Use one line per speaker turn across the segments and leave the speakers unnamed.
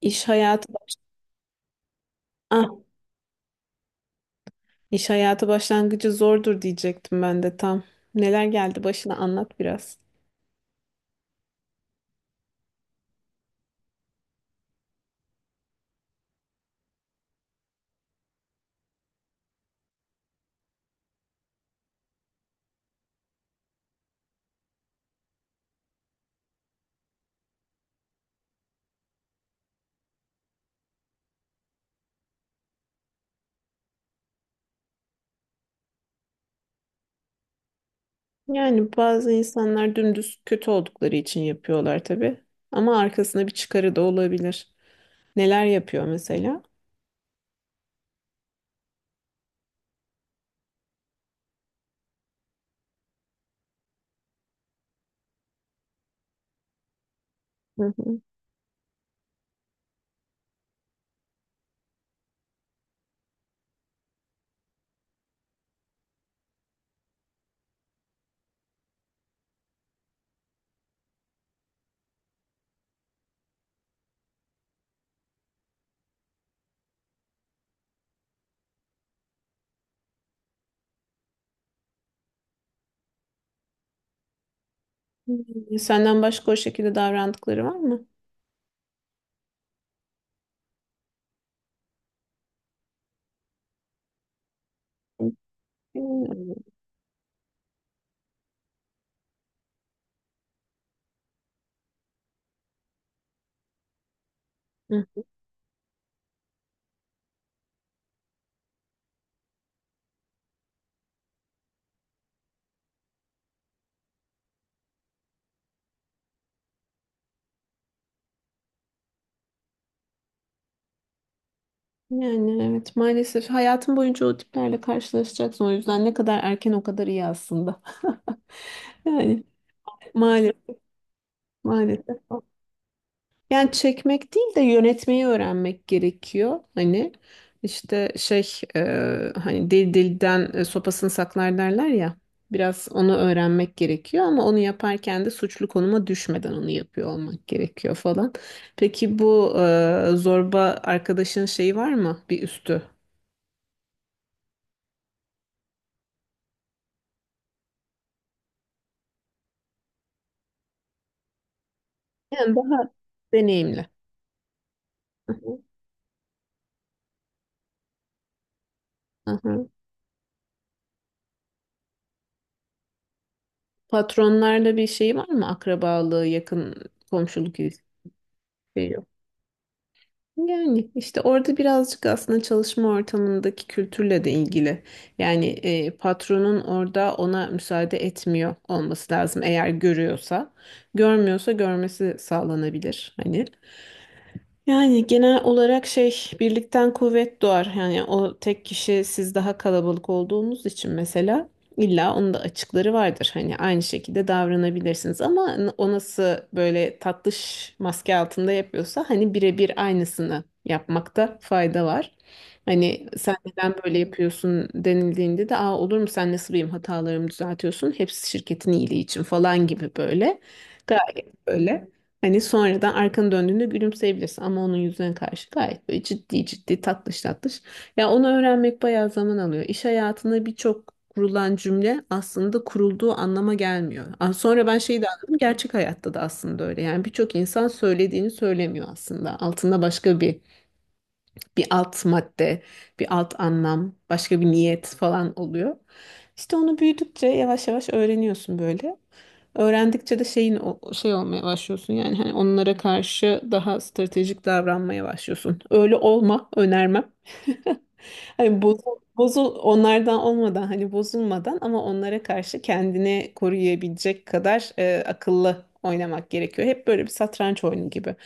İş hayatı baş... ah, iş hayatı başlangıcı zordur diyecektim ben de tam. Neler geldi başına anlat biraz. Yani bazı insanlar dümdüz kötü oldukları için yapıyorlar tabii. Ama arkasında bir çıkarı da olabilir. Neler yapıyor mesela? Hı hı. Hmm, senden başka o şekilde davrandıkları var mı? Bilmiyorum. Hı. Yani evet maalesef hayatın boyunca o tiplerle karşılaşacaksın. O yüzden ne kadar erken o kadar iyi aslında. Yani maalesef, maalesef. Yani çekmek değil de yönetmeyi öğrenmek gerekiyor. Hani işte şey hani dil dilden sopasını saklar derler ya. Biraz onu öğrenmek gerekiyor ama onu yaparken de suçlu konuma düşmeden onu yapıyor olmak gerekiyor falan. Peki bu zorba arkadaşın şeyi var mı? Bir üstü. Yani daha deneyimli. Hı hı. Hı hı. Patronlarla bir şey var mı? Akrabalığı, yakın komşuluk ilişkisi. Yani işte orada birazcık aslında çalışma ortamındaki kültürle de ilgili. Yani patronun orada ona müsaade etmiyor olması lazım eğer görüyorsa. Görmüyorsa görmesi sağlanabilir hani. Yani genel olarak şey birlikten kuvvet doğar. Yani o tek kişi siz daha kalabalık olduğunuz için mesela illa onun da açıkları vardır. Hani aynı şekilde davranabilirsiniz ama o nasıl böyle tatlış maske altında yapıyorsa hani birebir aynısını yapmakta fayda var. Hani sen neden böyle yapıyorsun denildiğinde de aa olur mu sen nasıl benim hatalarımı düzeltiyorsun? Hepsi şirketin iyiliği için falan gibi böyle. Gayet böyle. Hani sonradan arkanı döndüğünde gülümseyebilirsin ama onun yüzüne karşı gayet böyle ciddi ciddi tatlış tatlış. Ya onu öğrenmek bayağı zaman alıyor. İş hayatında birçok kurulan cümle aslında kurulduğu anlama gelmiyor. Aa, sonra ben şeyi de anladım gerçek hayatta da aslında öyle. Yani birçok insan söylediğini söylemiyor aslında. Altında başka bir alt madde, bir alt anlam, başka bir niyet falan oluyor. İşte onu büyüdükçe yavaş yavaş öğreniyorsun böyle. Öğrendikçe de şey olmaya başlıyorsun yani hani onlara karşı daha stratejik davranmaya başlıyorsun. Öyle olma, önermem. Hani bozul, bozul onlardan olmadan hani bozulmadan ama onlara karşı kendini koruyabilecek kadar akıllı oynamak gerekiyor. Hep böyle bir satranç oyunu gibi.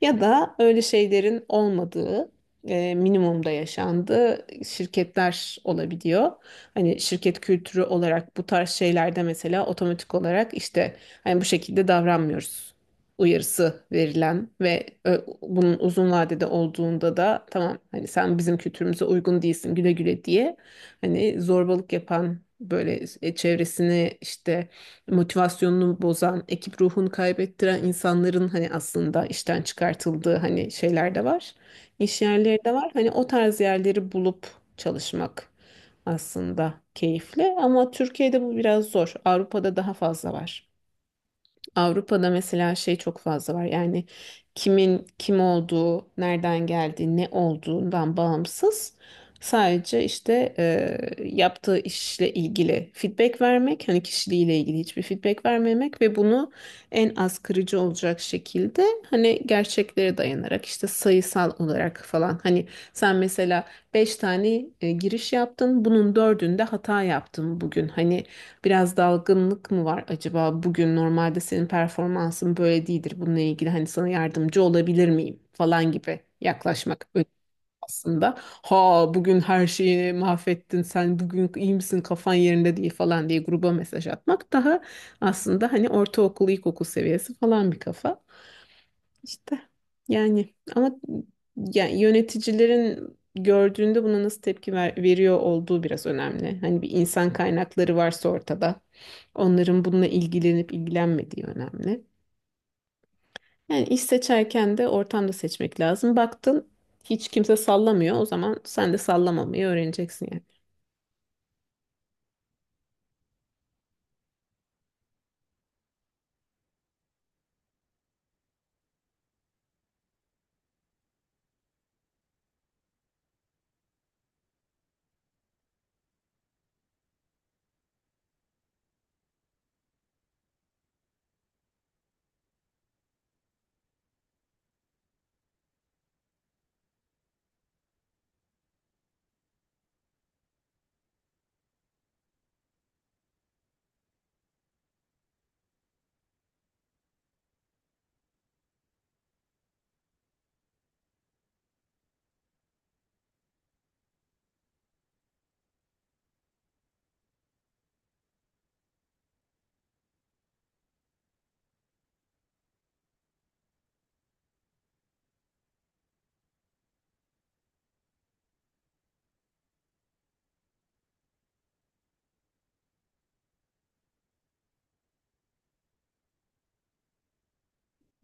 Ya da öyle şeylerin olmadığı minimumda yaşandığı şirketler olabiliyor. Hani şirket kültürü olarak bu tarz şeylerde mesela otomatik olarak işte hani bu şekilde davranmıyoruz uyarısı verilen ve bunun uzun vadede olduğunda da tamam hani sen bizim kültürümüze uygun değilsin güle güle diye hani zorbalık yapan böyle çevresini işte motivasyonunu bozan ekip ruhunu kaybettiren insanların hani aslında işten çıkartıldığı hani şeyler de var, iş yerleri de var hani o tarz yerleri bulup çalışmak aslında keyifli ama Türkiye'de bu biraz zor, Avrupa'da daha fazla var. Avrupa'da mesela şey çok fazla var. Yani kimin kim olduğu, nereden geldiği, ne olduğundan bağımsız sadece işte yaptığı işle ilgili feedback vermek, hani kişiliğiyle ilgili hiçbir feedback vermemek ve bunu en az kırıcı olacak şekilde hani gerçeklere dayanarak işte sayısal olarak falan hani sen mesela 5 tane giriş yaptın, bunun dördünde hata yaptın bugün. Hani, biraz dalgınlık mı var acaba? Bugün normalde senin performansın böyle değildir. Bununla ilgili hani sana yardımcı olabilir miyim falan gibi yaklaşmak önemli aslında. Ha, bugün her şeyi mahvettin sen, bugün iyi misin, kafan yerinde değil falan diye gruba mesaj atmak daha aslında hani ortaokul ilkokul seviyesi falan bir kafa. İşte yani ama yani yöneticilerin gördüğünde buna nasıl tepki veriyor olduğu biraz önemli. Hani bir insan kaynakları varsa ortada onların bununla ilgilenip ilgilenmediği önemli. Yani iş seçerken de ortamda seçmek lazım. Baktın hiç kimse sallamıyor, o zaman sen de sallamamayı öğreneceksin yani.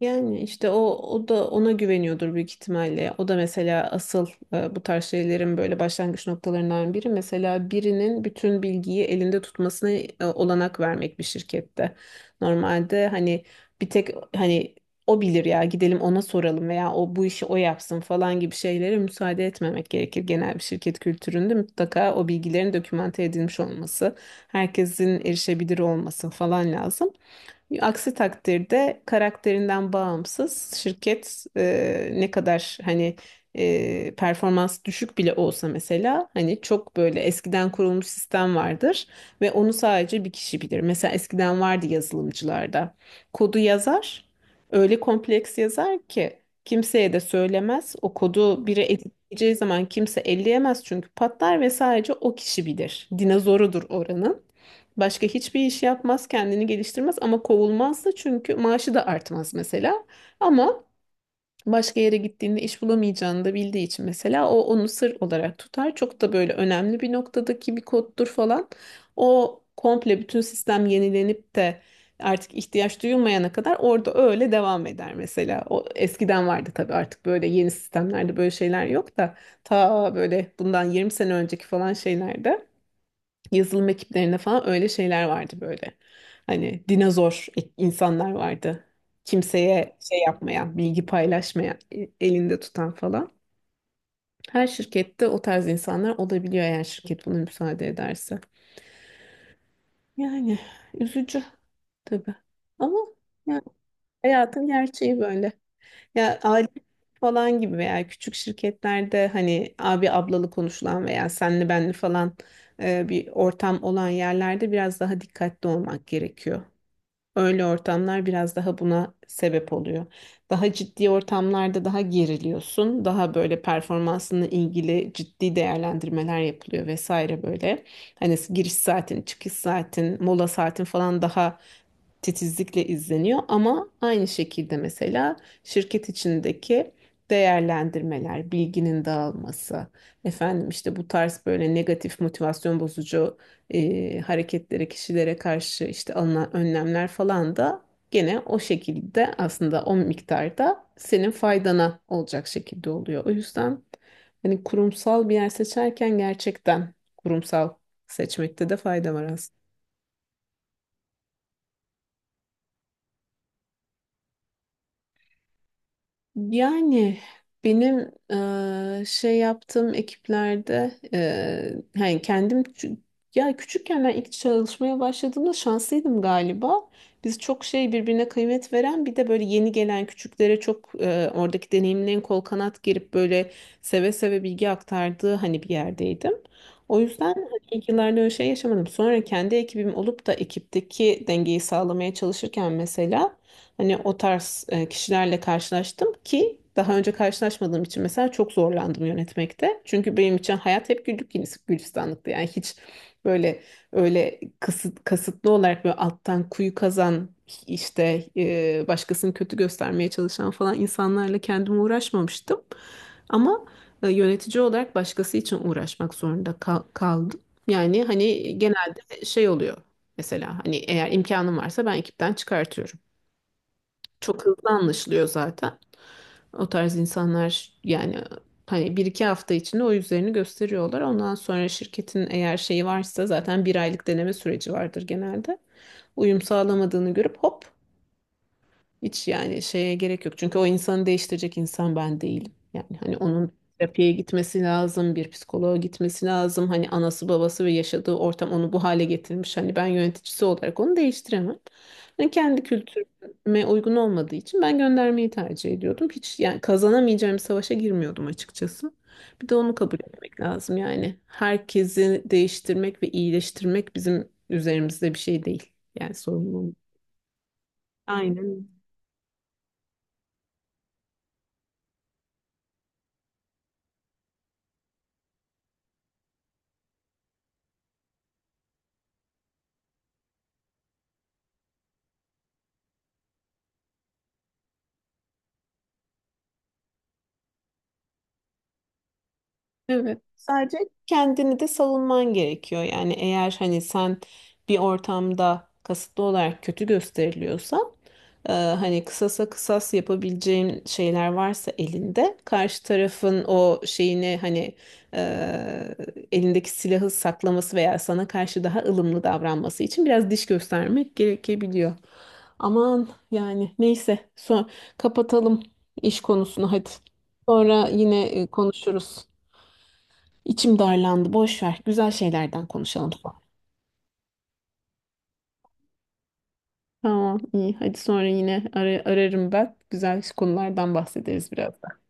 Yani işte o da ona güveniyordur büyük ihtimalle. O da mesela asıl bu tarz şeylerin böyle başlangıç noktalarından biri. Mesela birinin bütün bilgiyi elinde tutmasına olanak vermek bir şirkette. Normalde hani bir tek hani o bilir ya gidelim ona soralım veya o bu işi o yapsın falan gibi şeylere müsaade etmemek gerekir. Genel bir şirket kültüründe mutlaka o bilgilerin dokümante edilmiş olması, herkesin erişebilir olması falan lazım. Aksi takdirde karakterinden bağımsız şirket ne kadar hani performans düşük bile olsa mesela hani çok böyle eskiden kurulmuş sistem vardır ve onu sadece bir kişi bilir. Mesela eskiden vardı yazılımcılarda. Kodu yazar, öyle kompleks yazar ki kimseye de söylemez. O kodu biri editleyeceği zaman kimse elleyemez çünkü patlar ve sadece o kişi bilir. Dinozorudur oranın. Başka hiçbir iş yapmaz, kendini geliştirmez ama kovulmaz da çünkü maaşı da artmaz mesela. Ama başka yere gittiğinde iş bulamayacağını da bildiği için mesela o onu sır olarak tutar. Çok da böyle önemli bir noktadaki bir koddur falan. O komple bütün sistem yenilenip de artık ihtiyaç duyulmayana kadar orada öyle devam eder mesela. O eskiden vardı tabii, artık böyle yeni sistemlerde böyle şeyler yok da ta böyle bundan 20 sene önceki falan şeylerde, yazılım ekiplerinde falan öyle şeyler vardı böyle. Hani dinozor insanlar vardı. Kimseye şey yapmayan, bilgi paylaşmayan, elinde tutan falan. Her şirkette o tarz insanlar olabiliyor eğer şirket buna müsaade ederse. Yani üzücü tabii. Ama yani hayatın gerçeği böyle. Ya aile falan gibi veya küçük şirketlerde hani abi ablalı konuşulan veya senli benli falan bir ortam olan yerlerde biraz daha dikkatli olmak gerekiyor. Öyle ortamlar biraz daha buna sebep oluyor. Daha ciddi ortamlarda daha geriliyorsun. Daha böyle performansınla ilgili ciddi değerlendirmeler yapılıyor vesaire böyle. Hani giriş saatin, çıkış saatin, mola saatin falan daha titizlikle izleniyor ama aynı şekilde mesela şirket içindeki değerlendirmeler, bilginin dağılması, efendim işte bu tarz böyle negatif motivasyon bozucu hareketlere, kişilere karşı işte alınan önlemler falan da gene o şekilde aslında o miktarda senin faydana olacak şekilde oluyor. O yüzden hani kurumsal bir yer seçerken gerçekten kurumsal seçmekte de fayda var aslında. Yani benim şey yaptığım ekiplerde yani kendim ya küçükken ben ilk çalışmaya başladığımda şanslıydım galiba. Biz çok şey birbirine kıymet veren bir de böyle yeni gelen küçüklere çok oradaki deneyimlerin kol kanat girip böyle seve seve bilgi aktardığı hani bir yerdeydim. O yüzden hani ilk yıllarda öyle şey yaşamadım. Sonra kendi ekibim olup da ekipteki dengeyi sağlamaya çalışırken mesela hani o tarz kişilerle karşılaştım ki daha önce karşılaşmadığım için mesela çok zorlandım yönetmekte. Çünkü benim için hayat hep güllük gülistanlıktı. Yani hiç böyle öyle kasıtlı olarak böyle alttan kuyu kazan işte başkasını kötü göstermeye çalışan falan insanlarla kendime uğraşmamıştım. Ama yönetici olarak başkası için uğraşmak zorunda kaldım. Yani hani genelde şey oluyor. Mesela hani eğer imkanım varsa ben ekipten çıkartıyorum. Çok hızlı anlaşılıyor zaten. O tarz insanlar yani hani bir iki hafta içinde o yüzlerini gösteriyorlar. Ondan sonra şirketin eğer şeyi varsa zaten bir aylık deneme süreci vardır genelde. Uyum sağlamadığını görüp hop, hiç yani şeye gerek yok. Çünkü o insanı değiştirecek insan ben değilim. Yani hani onun terapiye gitmesi lazım, bir psikoloğa gitmesi lazım. Hani anası babası ve yaşadığı ortam onu bu hale getirmiş. Hani ben yöneticisi olarak onu değiştiremem. Yani kendi kültürüme uygun olmadığı için ben göndermeyi tercih ediyordum. Hiç yani kazanamayacağım bir savaşa girmiyordum açıkçası. Bir de onu kabul etmek lazım yani. Herkesi değiştirmek ve iyileştirmek bizim üzerimizde bir şey değil. Yani sorumluluğumuz. Aynen. Evet. Sadece kendini de savunman gerekiyor. Yani eğer hani sen bir ortamda kasıtlı olarak kötü gösteriliyorsa hani kısasa kısas yapabileceğin şeyler varsa elinde, karşı tarafın o şeyini hani e, elindeki silahı saklaması veya sana karşı daha ılımlı davranması için biraz diş göstermek gerekebiliyor. Aman yani neyse, son kapatalım iş konusunu hadi. Sonra yine konuşuruz. İçim darlandı. Boş ver. Güzel şeylerden konuşalım. Tamam, iyi. Hadi sonra yine ararım ben. Güzel konulardan bahsederiz biraz da.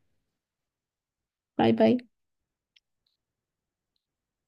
Bay bay.